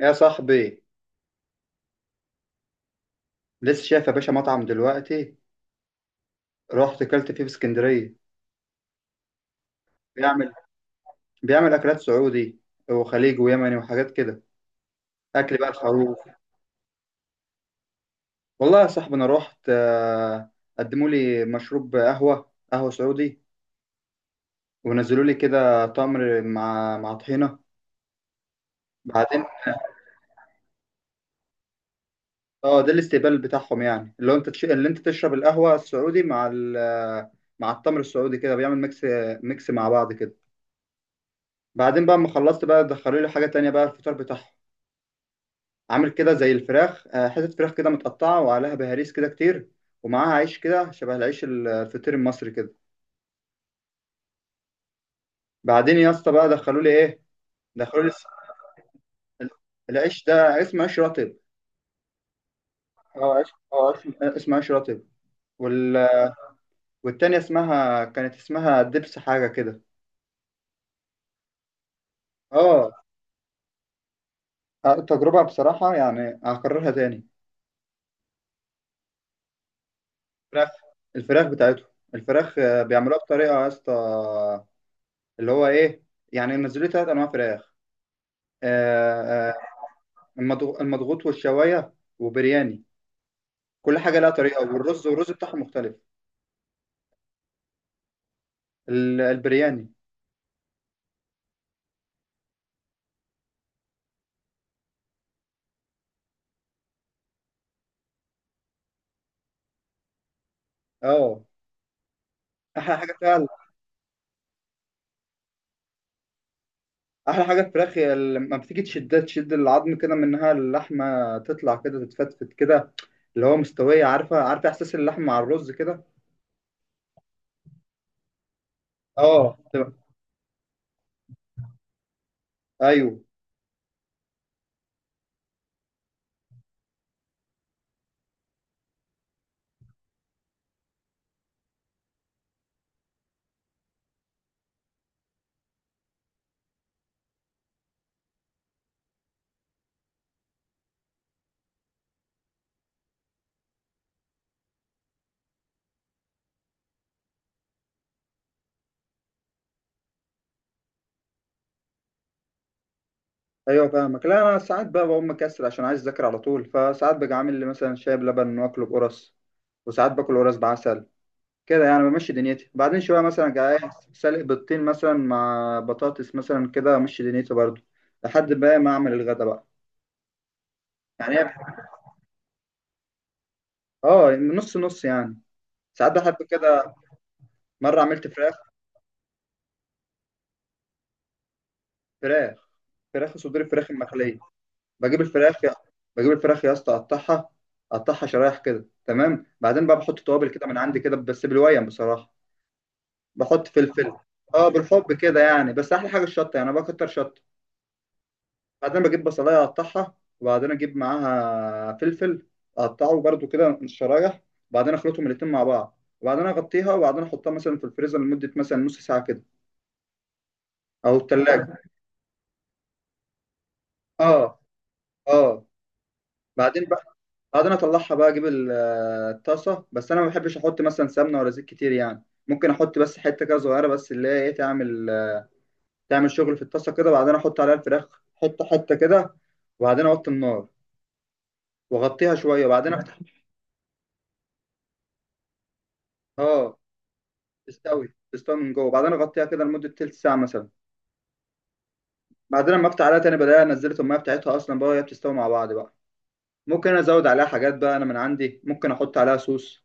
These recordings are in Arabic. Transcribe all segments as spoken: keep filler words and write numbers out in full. يا صاحبي، لسه شايف يا باشا مطعم دلوقتي. رحت اكلت فيه في اسكندريه. بيعمل بيعمل اكلات سعودي وخليجي ويمني وحاجات كده. اكل بقى الخروف. والله يا صاحبي انا رحت، آه، قدموا لي مشروب قهوه قهوه سعودي. ونزلوا لي كده تمر مع مع طحينه. بعدين اه ده الاستقبال بتاعهم، يعني اللي هو انت تش... اللي انت تشرب القهوه السعودي مع ال... مع التمر السعودي كده، بيعمل ميكس ميكس مع بعض كده. بعدين بقى اما خلصت بقى دخلوا لي حاجه تانية بقى الفطار بتاعهم. عامل كده زي الفراخ، آه، حتت فراخ كده متقطعة وعليها بهاريس كده كتير، ومعاها عيش كده شبه العيش الفطير المصري كده. بعدين يا اسطى بقى دخلوا لي ايه؟ دخلوا لي الس- العيش ده اسمه عيش رطب. اه عيش اه عيش اسمه عيش رطب. وال... والتانية اسمها كانت اسمها دبس حاجة كده. اه آه، تجربة بصراحة يعني هكررها تاني. فراخ الفراخ بتاعتهم. الفراخ، آه، بيعملوها بطريقة يا اسطى، اللي هو ايه، يعني نزلوا لي تلات انواع فراخ. آه، آه، المضغ- المضغوط والشوايه وبرياني، كل حاجه لها طريقه. والرز والرز بتاعهم مختلف. ال- البرياني. اه. احلى حاجه فيها ال- احلى حاجه الفراخ، هي لما بتيجي تشدها تشد العظم كده منها، اللحمه تطلع كده تتفتفت كده، اللي هو مستويه، عارفه عارفه احساس اللحمه مع الرز كده. اه. تبقى- ايوه، ايوه، فاهمك. لا، انا ساعات بقى بقوم مكسل عشان عايز اذاكر على طول، فساعات باجي عامل لي مثلا شاي بلبن واكله بقرص، وساعات باكل قرص بعسل كده، يعني بمشي دنيتي. بعدين شوية مثلا جاي، سالق بيضتين مثلا مع بطاطس مثلا، كده أمشي دنيتي برضو لحد بقى ما أعمل الغدا بقى. يعني هي- اه، نص نص يعني. ساعات بحب كده. مرة عملت فراخ فراخ فراخ صدور فراخ المخلية. بجيب الفراخ يا بجيب الفراخ يا اسطى، أقطعها أقطعها شرايح كده تمام. بعدين بقى بحط توابل كده من عندي كده، بس بالويم بصراحة. بحط فلفل. اه، بالحب كده يعني، بس أحلى حاجة الشطة، يعني أنا بكتر شطة. بعدين بجيب بصلاية أقطعها، وبعدين أجيب معاها فلفل أقطعه برضو كده شرايح، وبعدين أخلطهم الاتنين مع بعض، وبعدين أغطيها، وبعدين أحطها مثلا في الفريزر لمدة مثلا نص ساعة كده أو التلاجة. آه، آه. بعدين بقى بعدين أطلعها بقى أجيب ال- آه، الطاسة، بس أنا ما بحبش أحط مثلا سمنة ولا زيت كتير، يعني ممكن أحط بس حتة كده صغيرة، بس اللي هي إيه تعمل، تعمل شغل في الطاسة كده. وبعدين أحط عليها الفراخ حتة حتة كده، وبعدين أوطي النار وأغطيها شوية وبعدين أفتح. آه. تستوي تستوي من جوه. بعدين اغطيها كده لمده تلت ساعه مثلا. بعدين لما افتح عليها تاني بلاقيها نزلت الميه بتاعتها اصلا بقى، وهي بتستوي مع بعض بقى. ممكن أنا ازود عليها حاجات بقى انا من عندي، ممكن احط عليها صوص،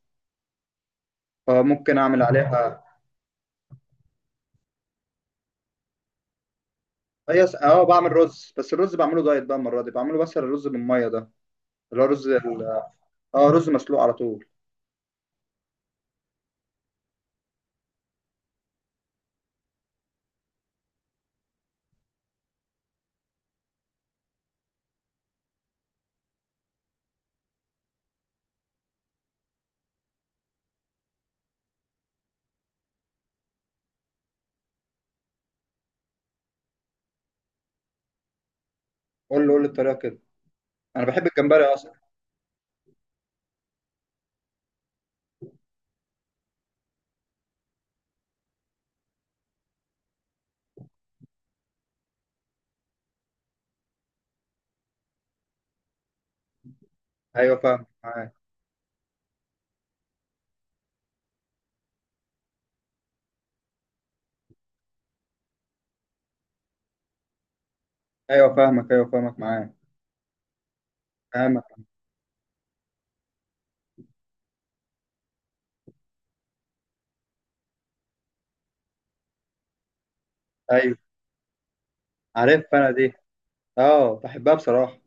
آه، ممكن اعمل عليها. هي س- اه بعمل رز، بس الرز بعمله دايت بقى، المره دي بعمله بس الرز بالميه ده، اللي هو رز ال... اه، رز مسلوق على طول. قول له قول لي الطريقه كده، انا بحب الجمبري اصلا. ايوه، فاهمك، معاك. ايوه، فاهمك، ايوه، فاهمك، معاك، فاهمك. ايوه، عارف انا دي، اه، بحبها بصراحه،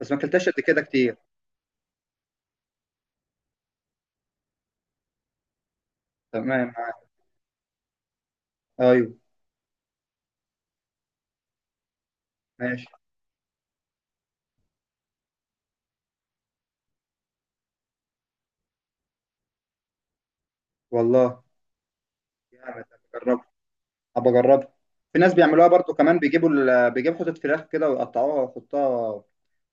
بس ما اكلتهاش قد كده كتير. تمام، معاك. ايوه، ماشي. والله، جامد، بجربها، ابقى اجربها. في ناس بيعملوها برضو كمان، بيجيبوا ال... بيجيبوا حتة فراخ كده ويقطعوها ويحطوها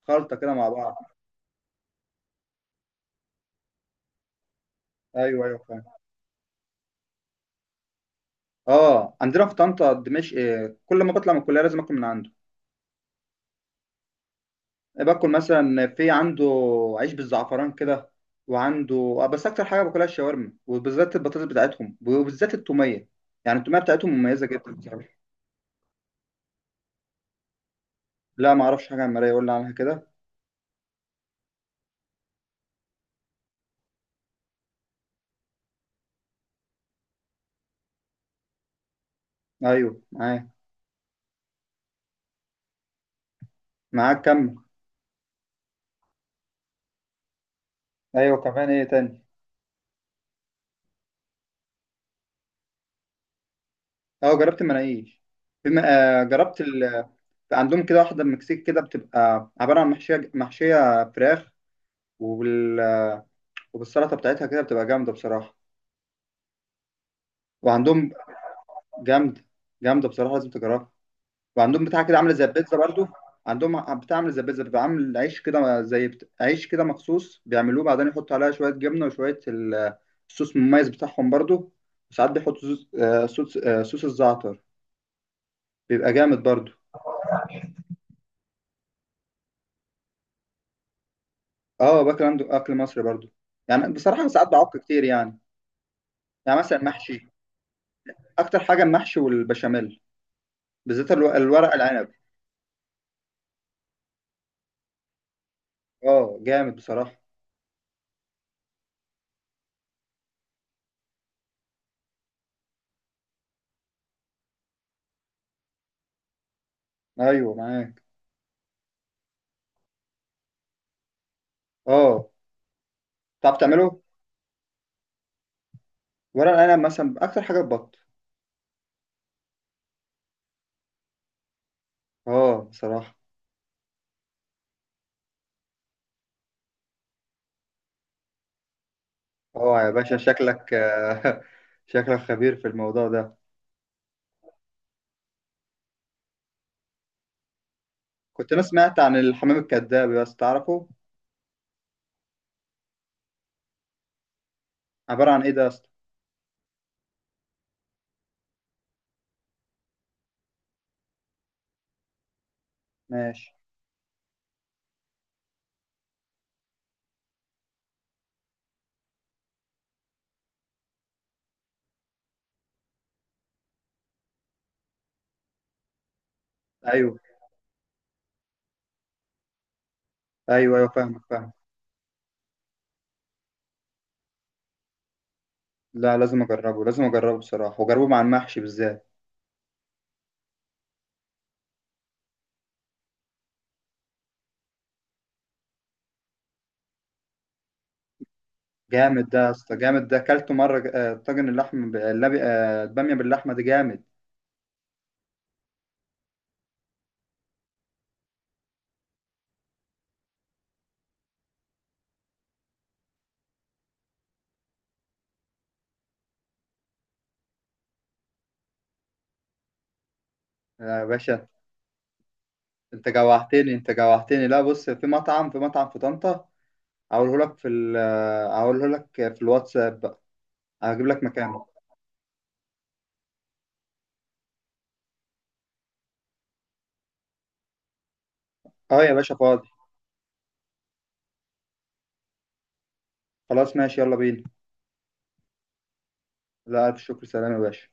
خلطة كده مع بعض. ايوه، ايوه، فاهم. اه، عندنا في طنطا دمشق، آه، كل ما بطلع من الكلية لازم اكل من عنده. إيه، باكل مثلا في عنده عيش بالزعفران كده. وعنده آه، بس اكتر حاجة باكلها الشاورما، وبالذات البطاطس بتاعتهم، وبالذات التومية، يعني التومية بتاعتهم مميزة جدا بصراحة. لا، ما اعرفش حاجة عن المرايه، يقول لي عنها كده. ايوه، معاك معاك كمل. ايوه، كمان ايه تاني؟ اه، جربت المناقيش. بما آه جربت ال... عندهم كده واحده من المكسيك كده، بتبقى عباره عن محشيه محشيه فراخ. وبال... وبالسلطه بتاعتها كده، بتبقى جامده بصراحه. وعندهم جامده، جامده بصراحه، لازم تجربها. وعندهم بتاع كده عامله زي البيتزا برضو. عندهم بتاع عامله زي البيتزا، بيبقى عامل عيش كده زي بت... عيش كده مخصوص بيعملوه، بعدين يحطوا عليها شويه جبنه وشويه ال- الصوص المميز بتاعهم برضو. وساعات بيحطوا صوص آه صوص, آه صوص الزعتر، بيبقى جامد برضو. اه، باكل عنده اكل مصري برضو، يعني بصراحه ساعات بعك كتير يعني. يعني مثلا محشي. اكتر حاجه المحشي والبشاميل، بالذات الو- الورق العنب. اه، جامد بصراحه. ايوه، معاك. اه، تعرف تعمله. ورق العنب مثلا اكتر حاجه البط. اه، بصراحه. اه يا باشا شكلك آه، شكلك خبير في الموضوع ده. كنت انا سمعت عن الحمام الكذاب بس تعرفه؟ عباره عن ايه ده يا اسطى؟ ماشي. ايوه، ايوه، ايوه، فاهمك، فاهم. لا، لازم اجربه، لازم اجربه بصراحه، واجربه مع المحشي بالذات. جامد ده يا اسطى، جامد ده، اكلته مره، آه، طاجن اللحم ب- اللبي- آه، الباميه باللحمه دي جامد. آه، يا باشا، انت جوعتني، انت جوعتني. لا، بص، في مطعم في مطعم في طنطا. هقوله لك في ال آه، هقوله لك في الواتساب بقى، هجيب لك مكانه. اه يا باشا، فاضي. خلاص، ماشي، يلا بينا. لا، الف شكر، سلام يا باشا.